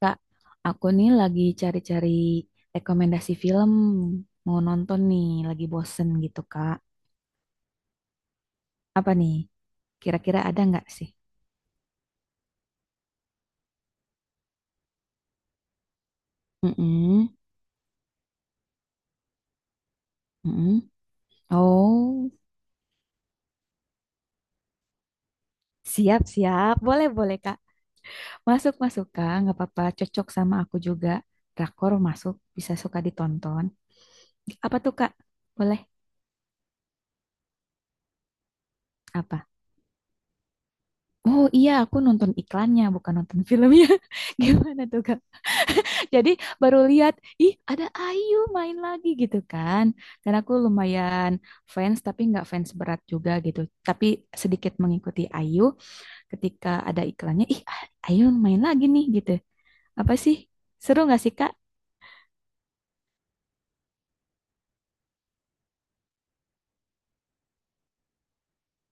Kak, aku nih lagi cari-cari rekomendasi film mau nonton nih, lagi bosen gitu, Kak. Apa nih? Kira-kira ada nggak sih? Mm-mm, mm-mm. Oh, siap-siap. Boleh-boleh, Kak. Masuk-masuk, Kak. Nggak apa-apa. Cocok sama aku juga. Drakor masuk, bisa suka ditonton. Apa tuh, Kak? Boleh? Apa? Oh iya, aku nonton iklannya, bukan nonton filmnya. Gimana tuh, Kak? Jadi baru lihat, ih ada Ayu main lagi gitu kan. Dan aku lumayan fans tapi nggak fans berat juga gitu. Tapi sedikit mengikuti Ayu ketika ada iklannya, ih Ayu main lagi nih gitu. Apa sih? Seru nggak sih Kak?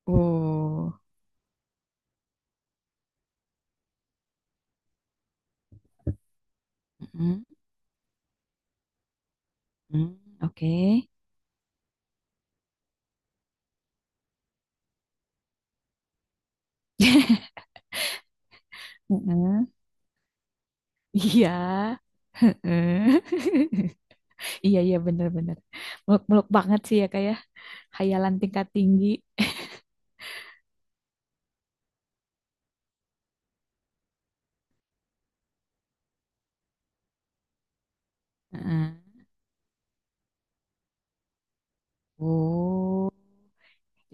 Oh, mm, mm, oke. Mm, iya, mm. Iya iya, bener-bener muluk-muluk banget sih ya, kayak hayalan tingkat tinggi. Mm. Oh.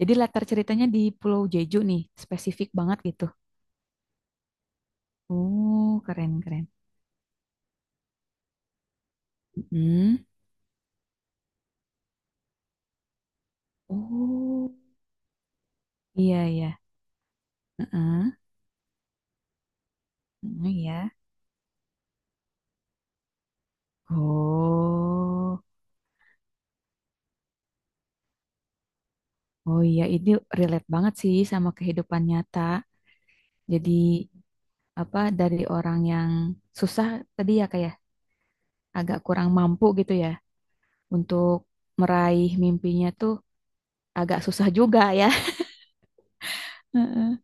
Jadi latar ceritanya di Pulau Jeju nih, spesifik banget gitu. Oh, keren keren. Mm-mm. Oh, iya iya. Heeh. Heeh, iya. Oh, oh iya ini relate banget sih sama kehidupan nyata. Jadi apa dari orang yang susah tadi ya, kayak agak kurang mampu gitu ya, untuk meraih mimpinya tuh agak susah juga ya. Heeh.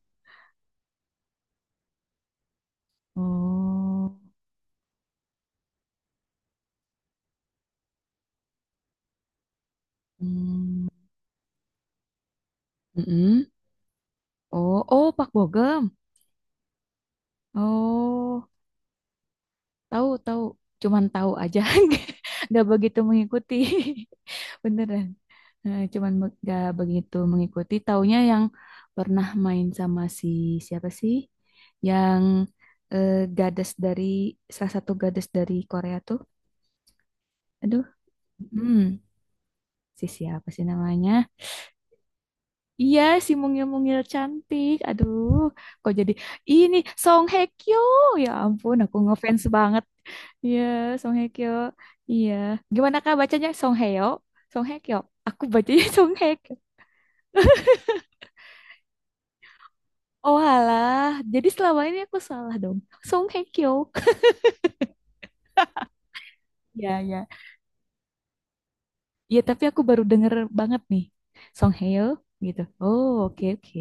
Oh. Hmm. Mm-mm. Oh, oh Pak Bogem. Oh, tahu tahu, cuman tahu aja, nggak begitu mengikuti, beneran. Nah, cuman nggak begitu mengikuti. Taunya yang pernah main sama si siapa sih? Yang eh, gadis dari salah satu gadis dari Korea tuh, aduh, hmm, si siapa sih namanya? Iya, si mungil-mungil cantik. Aduh, kok jadi ini Song Hye Kyo. Ya ampun, aku ngefans banget. Iya, Song Hye Kyo. Iya. Gimana Kak bacanya Song Hye-yo? Song Hye Kyo. Aku bacanya Song Hye Kyo. Oh alah, jadi selama ini aku salah dong. Song Hye Kyo. Iya iya. Iya, tapi aku baru denger banget nih. Song Hye-yo gitu. Oh, oke oke.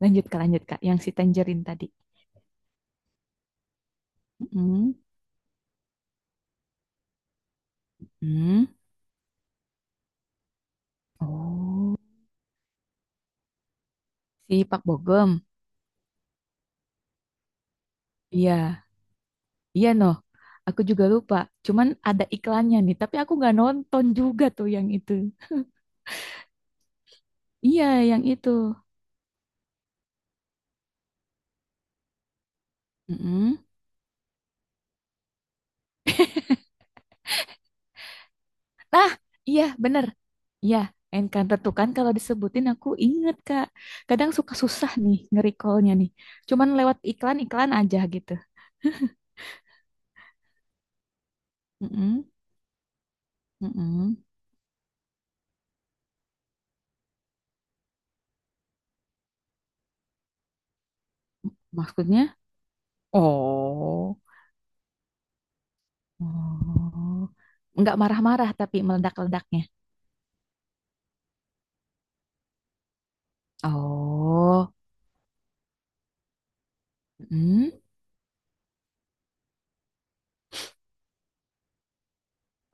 Lanjut Kak, lanjut Kak. Yang si Tangerine tadi. Mm-mm. Hmm. Oh, si Pak Bogem. Iya, iya noh. Aku juga lupa. Cuman ada iklannya nih, tapi aku nggak nonton juga tuh yang itu. Iya, yang itu. Mm-mm. Nah, iya bener. Iya, Encanto tuh kan kalau disebutin aku inget, Kak. Kadang suka susah nih nge-recallnya nih. Cuman lewat iklan-iklan aja gitu. Mm-mm. Mm-mm. Maksudnya? Oh. Oh. Nggak marah-marah tapi meledak-ledaknya. Oh. Mm.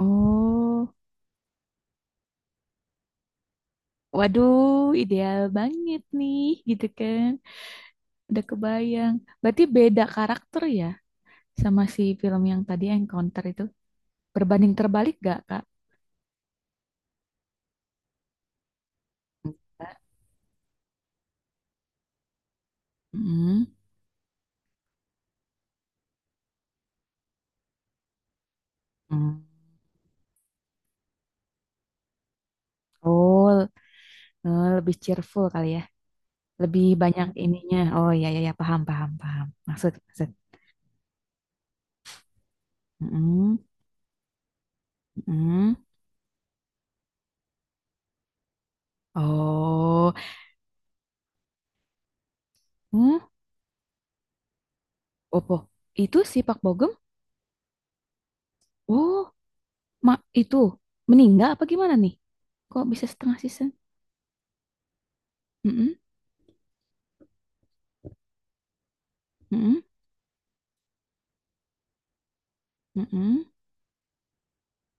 Oh. Waduh, ideal banget nih, gitu kan. Udah kebayang. Berarti beda karakter ya sama si film yang tadi Encounter itu. Berbanding terbalik gak, Kak? Enggak. Mm. Mm. Oh, lebih cheerful kali ya. Lebih banyak ininya. Oh, ya ya ya, paham, paham, paham. Maksud, maksud. Mm-mm, oh, hmm, opo. Itu si Pak Bogem? Oh, mak itu meninggal apa gimana nih? Kok bisa setengah season? Mm. Mm-mm, mm-mm,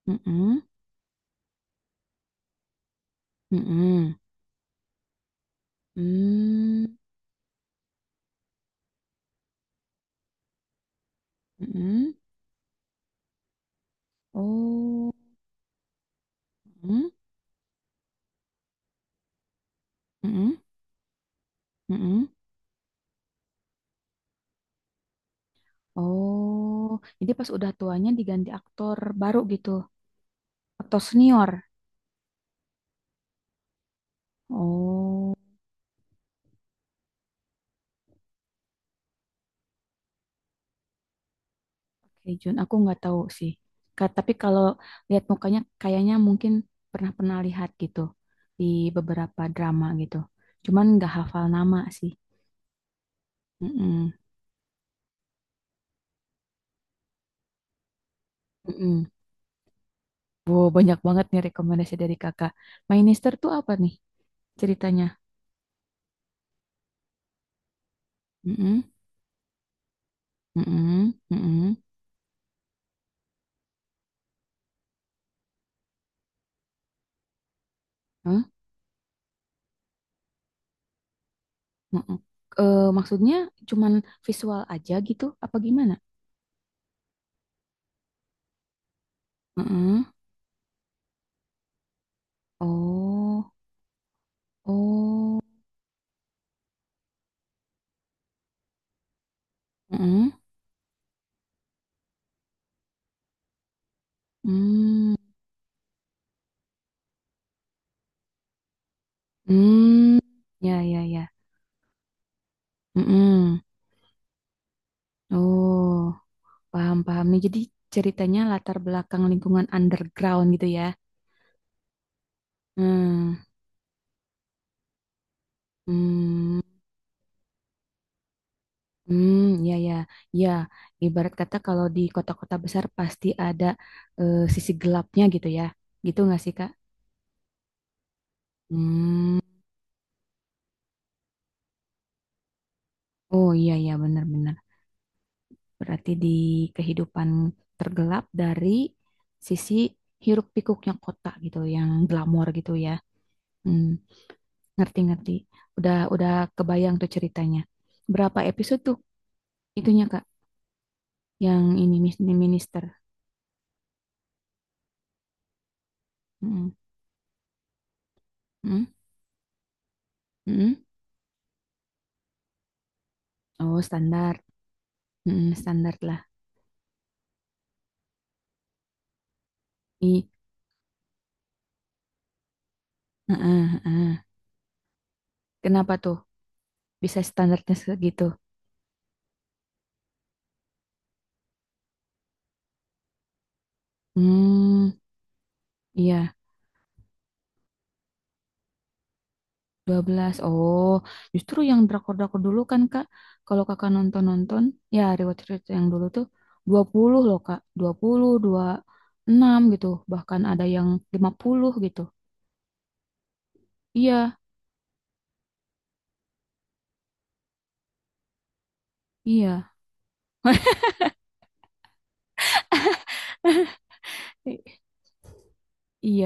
mm-mm, mm-mm, mm, mm-mm, oh, mm, mm-mm, mm-mm. Oh, jadi pas udah tuanya diganti aktor baru gitu, aktor senior. Oh, oke Jun, aku nggak tahu sih. Ka- tapi kalau lihat mukanya, kayaknya mungkin pernah-pernah lihat gitu di beberapa drama gitu. Cuman nggak hafal nama sih. Mm-mm, mm-mm. Wow, banyak banget nih rekomendasi dari kakak. Minister tuh apa nih ceritanya? Mm-mm, mm-mm, mm-mm, huh? Mm-mm. Eh, maksudnya cuman visual aja gitu? Apa gimana? Mm-mm. Oh, oh, mm-mm, mm, mm. Ya, ya, ya. Mm-mm. Oh, paham, paham nih. Jadi ceritanya latar belakang lingkungan underground gitu ya? Hmm, hmm. Hmm, ya ya ya. Ibarat kata kalau di kota-kota besar pasti ada sisi gelapnya gitu ya. Gitu nggak sih Kak? Hmm, oh iya iya benar-benar. Berarti di kehidupan tergelap dari sisi hiruk-pikuknya kota gitu, yang glamor gitu ya. Hmm, ngerti-ngerti. Udah kebayang tuh ceritanya. Berapa episode tuh itunya Kak? Yang ini mis- minister. Hmm, hmm, hmm. Oh standar, hmm, standar lah. I- heeh, heeh. Kenapa tuh bisa standarnya segitu? Hmm, iya, 12. Oh, justru yang drakor-drakor dulu kan, Kak. Kalau Kakak nonton-nonton, ya rewatch-rewatch yang dulu tuh 20 loh, Kak. 20, enam gitu. Bahkan ada yang 50 gitu. Iya, iya. I- iya,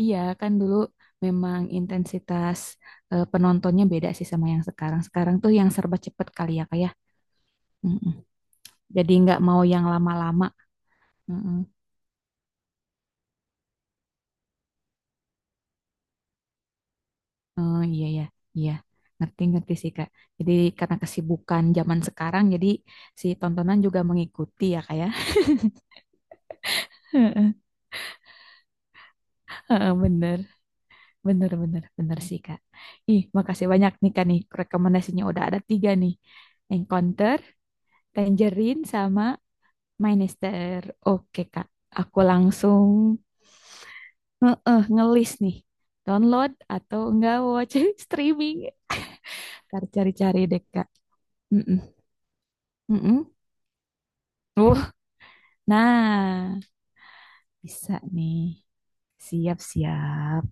iya kan dulu memang intensitas penontonnya beda sih sama yang sekarang. Sekarang tuh yang serba cepet kali ya, Kak ya. Jadi nggak mau yang lama-lama. Mm-mm. Eh, iya ya, iya. Ngerti-ngerti sih Kak. Jadi karena kesibukan zaman sekarang, jadi si tontonan juga mengikuti ya Kak ya. Heeh, heeh, bener, bener, bener, bener sih Kak. Ih, makasih banyak nih Kak nih. Rekomendasinya udah ada tiga nih. Encounter, Tangerine, sama My Nester. Oke Kak, aku langsung nge ngelis nih. Download atau enggak watch streaming. Ntar cari-cari deh Kak. Mm-mm. Mm-mm. Uh, nah, bisa nih. Siap-siap.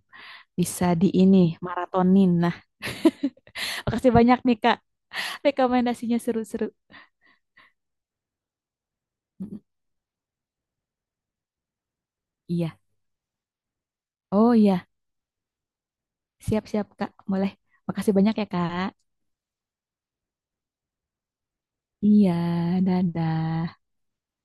Bisa di ini, maratonin. Nah, makasih banyak nih, Kak. Rekomendasinya seru-seru. Mm-mm. Iya. Oh iya, siap-siap, Kak. Boleh. Makasih banyak ya, Kak. Iya, dadah.